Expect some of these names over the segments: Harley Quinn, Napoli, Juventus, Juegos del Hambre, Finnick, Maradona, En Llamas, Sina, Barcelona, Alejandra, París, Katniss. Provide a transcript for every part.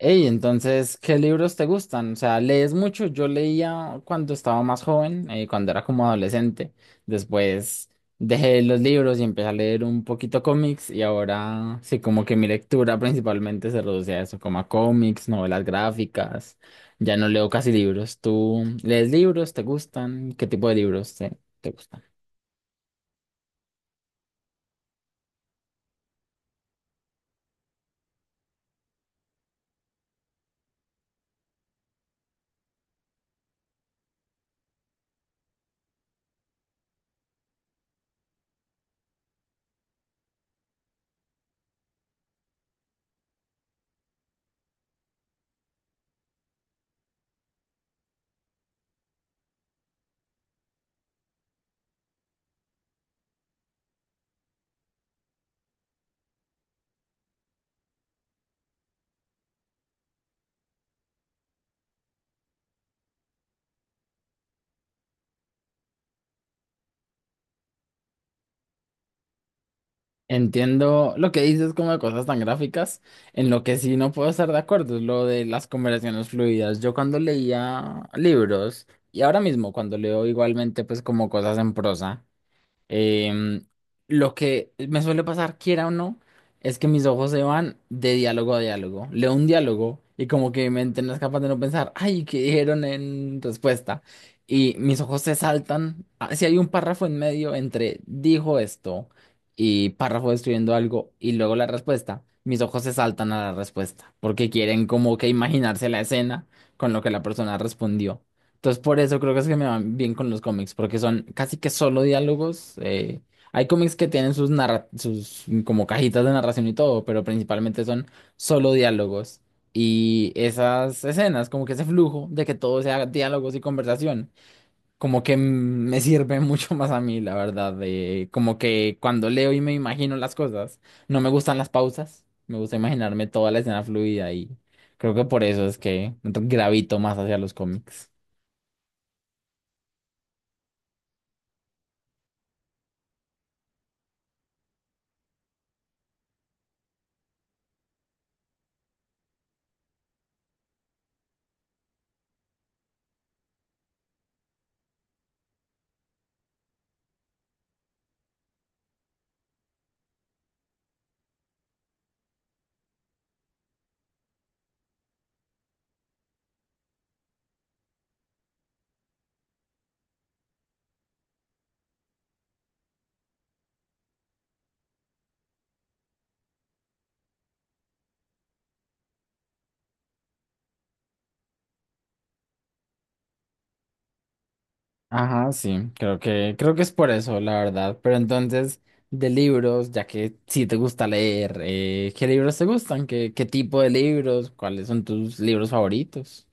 Ey, entonces, ¿qué libros te gustan? O sea, ¿lees mucho? Yo leía cuando estaba más joven, cuando era como adolescente. Después dejé los libros y empecé a leer un poquito cómics y ahora sí, como que mi lectura principalmente se reduce a eso, como a cómics, novelas gráficas. Ya no leo casi libros. ¿Tú lees libros? ¿Te gustan? ¿Qué tipo de libros te gustan? Entiendo lo que dices como de cosas tan gráficas. En lo que sí no puedo estar de acuerdo es lo de las conversaciones fluidas. Yo cuando leía libros y ahora mismo cuando leo igualmente pues como cosas en prosa. Em, lo que me suele pasar, quiera o no, es que mis ojos se van de diálogo a diálogo. Leo un diálogo y como que mi mente no es capaz de no pensar, ay, ¿qué dijeron en respuesta? Y mis ojos se saltan. Ah, si hay un párrafo en medio entre dijo esto y párrafo describiendo algo y luego la respuesta, mis ojos se saltan a la respuesta porque quieren como que imaginarse la escena con lo que la persona respondió. Entonces, por eso creo que es que me van bien con los cómics, porque son casi que solo diálogos. Hay cómics que tienen sus como cajitas de narración y todo, pero principalmente son solo diálogos. Y esas escenas, como que ese flujo de que todo sea diálogos y conversación, como que mm, me sirve mucho más a mí, la verdad. De, como que cuando leo y me imagino las cosas, no me gustan las pausas, me gusta imaginarme toda la escena fluida y creo que por eso es que gravito más hacia los cómics. Ajá, sí, creo que es por eso, la verdad. Pero entonces, de libros, ya que sí te gusta leer, ¿qué libros te gustan? ¿Qué tipo de libros? ¿Cuáles son tus libros favoritos?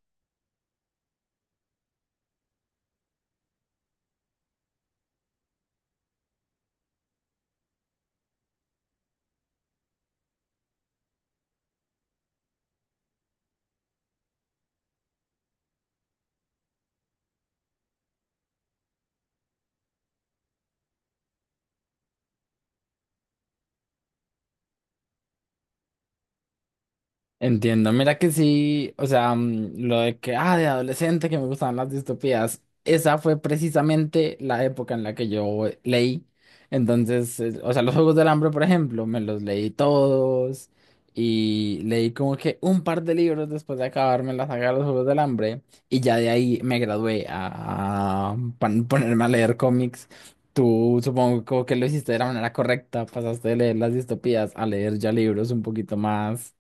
Entiendo, mira que sí, o sea, mm, lo de que, ah, de adolescente que me gustaban las distopías, esa fue precisamente la época en la que yo leí. Entonces, o sea, los Juegos del Hambre, por ejemplo, me los leí todos y leí como que un par de libros después de acabarme la saga de los Juegos del Hambre y ya de ahí me gradué a ponerme a leer cómics. Tú supongo como que lo hiciste de la manera correcta, pasaste de leer las distopías a leer ya libros un poquito más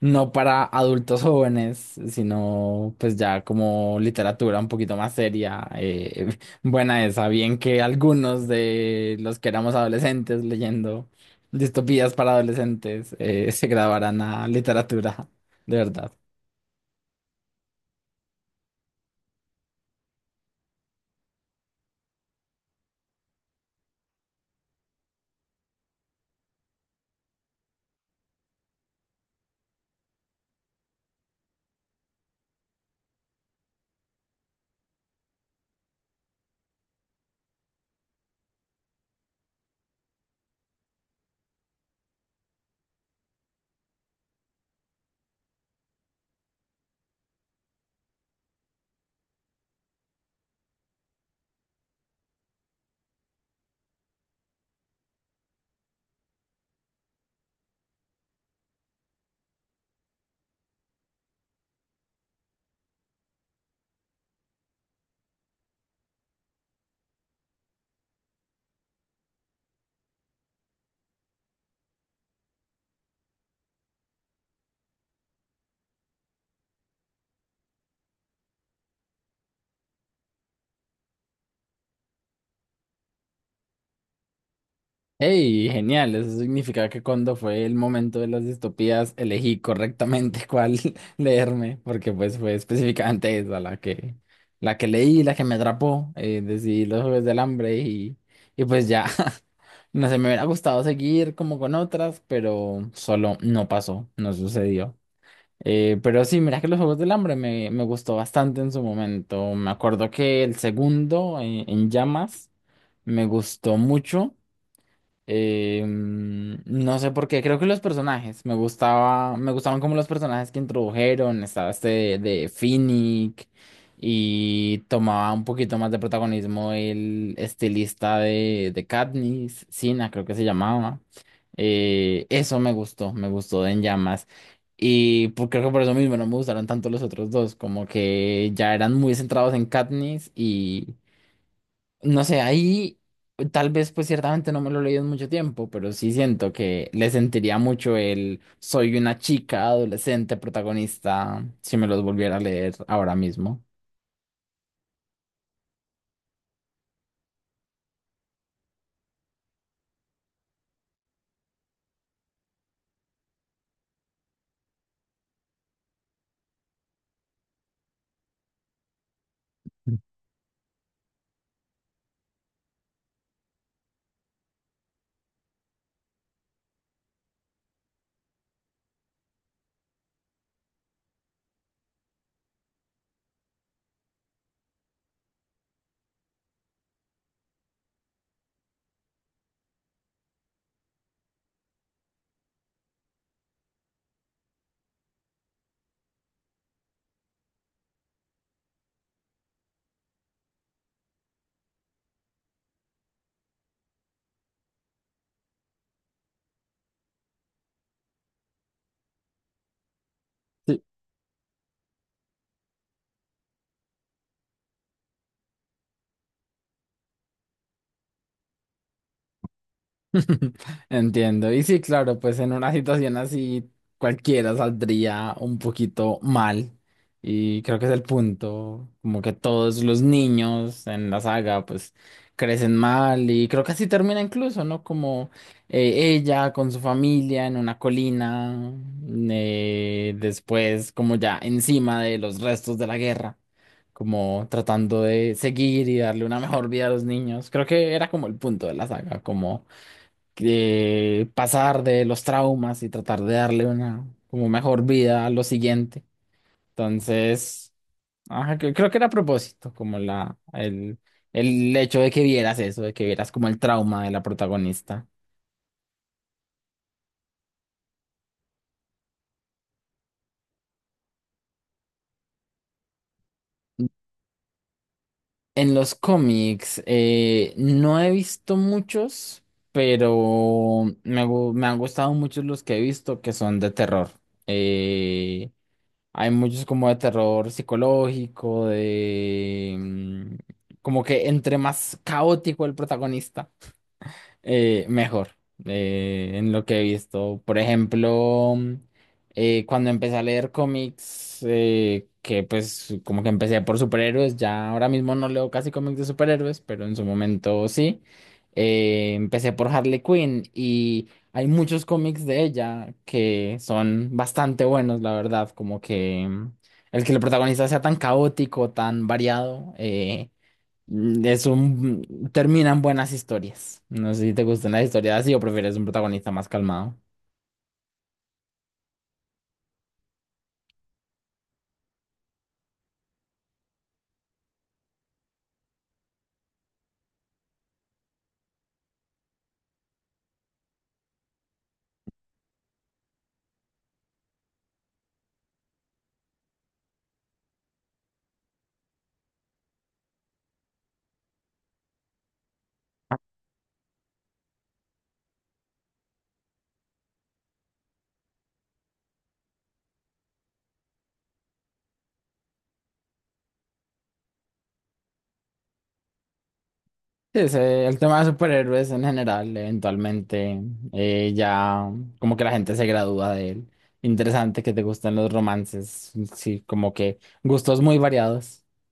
no para adultos jóvenes, sino pues ya como literatura un poquito más seria, buena esa, bien que algunos de los que éramos adolescentes leyendo distopías para adolescentes se grabaran a literatura, de verdad. Hey, genial. Eso significa que cuando fue el momento de las distopías elegí correctamente cuál leerme, porque pues fue específicamente esa la que leí, la que me atrapó. Decidí los Juegos del Hambre y pues ya. No sé, me hubiera gustado seguir como con otras, pero solo no pasó, no sucedió. Pero sí, mira que los Juegos del Hambre me gustó bastante en su momento. Me acuerdo que el segundo, En Llamas, me gustó mucho. No sé por qué, creo que los personajes, me gustaban como los personajes que introdujeron, estaba este de Finnick y tomaba un poquito más de protagonismo el estilista de Katniss, Sina creo que se llamaba. Eso me gustó de En Llamas. Y creo que por eso mismo no me gustaron tanto los otros dos, como que ya eran muy centrados en Katniss, no sé, ahí tal vez pues ciertamente no me lo he leído en mucho tiempo, pero sí siento que le sentiría mucho el soy una chica adolescente protagonista si me los volviera a leer ahora mismo. Entiendo. Y sí, claro, pues en una situación así cualquiera saldría un poquito mal. Y creo que es el punto, como que todos los niños en la saga pues crecen mal y creo que así termina incluso, ¿no? Como ella con su familia en una colina, después como ya encima de los restos de la guerra, como tratando de seguir y darle una mejor vida a los niños. Creo que era como el punto de la saga, como pasar de los traumas y tratar de darle una como mejor vida a lo siguiente. Entonces, ajá, creo que era a propósito, como el hecho de que vieras eso, de que vieras como el trauma de la protagonista. En los cómics, no he visto muchos, pero me han gustado muchos los que he visto que son de terror. Eh, Hay muchos como de terror psicológico, de... como que entre más caótico el protagonista, mejor, en lo que he visto. Por ejemplo, cuando empecé a leer cómics, que pues como que empecé por superhéroes, ya ahora mismo no leo casi cómics de superhéroes, pero en su momento sí. Empecé por Harley Quinn y hay muchos cómics de ella que son bastante buenos, la verdad, el que el protagonista sea tan caótico, tan variado. Es un... Terminan buenas historias. No sé si te gustan las historias así o prefieres un protagonista más calmado. Sí, sí, el tema de superhéroes en general, eventualmente ya como que la gente se gradúa de él. Interesante que te gustan los romances, sí, como que gustos muy variados.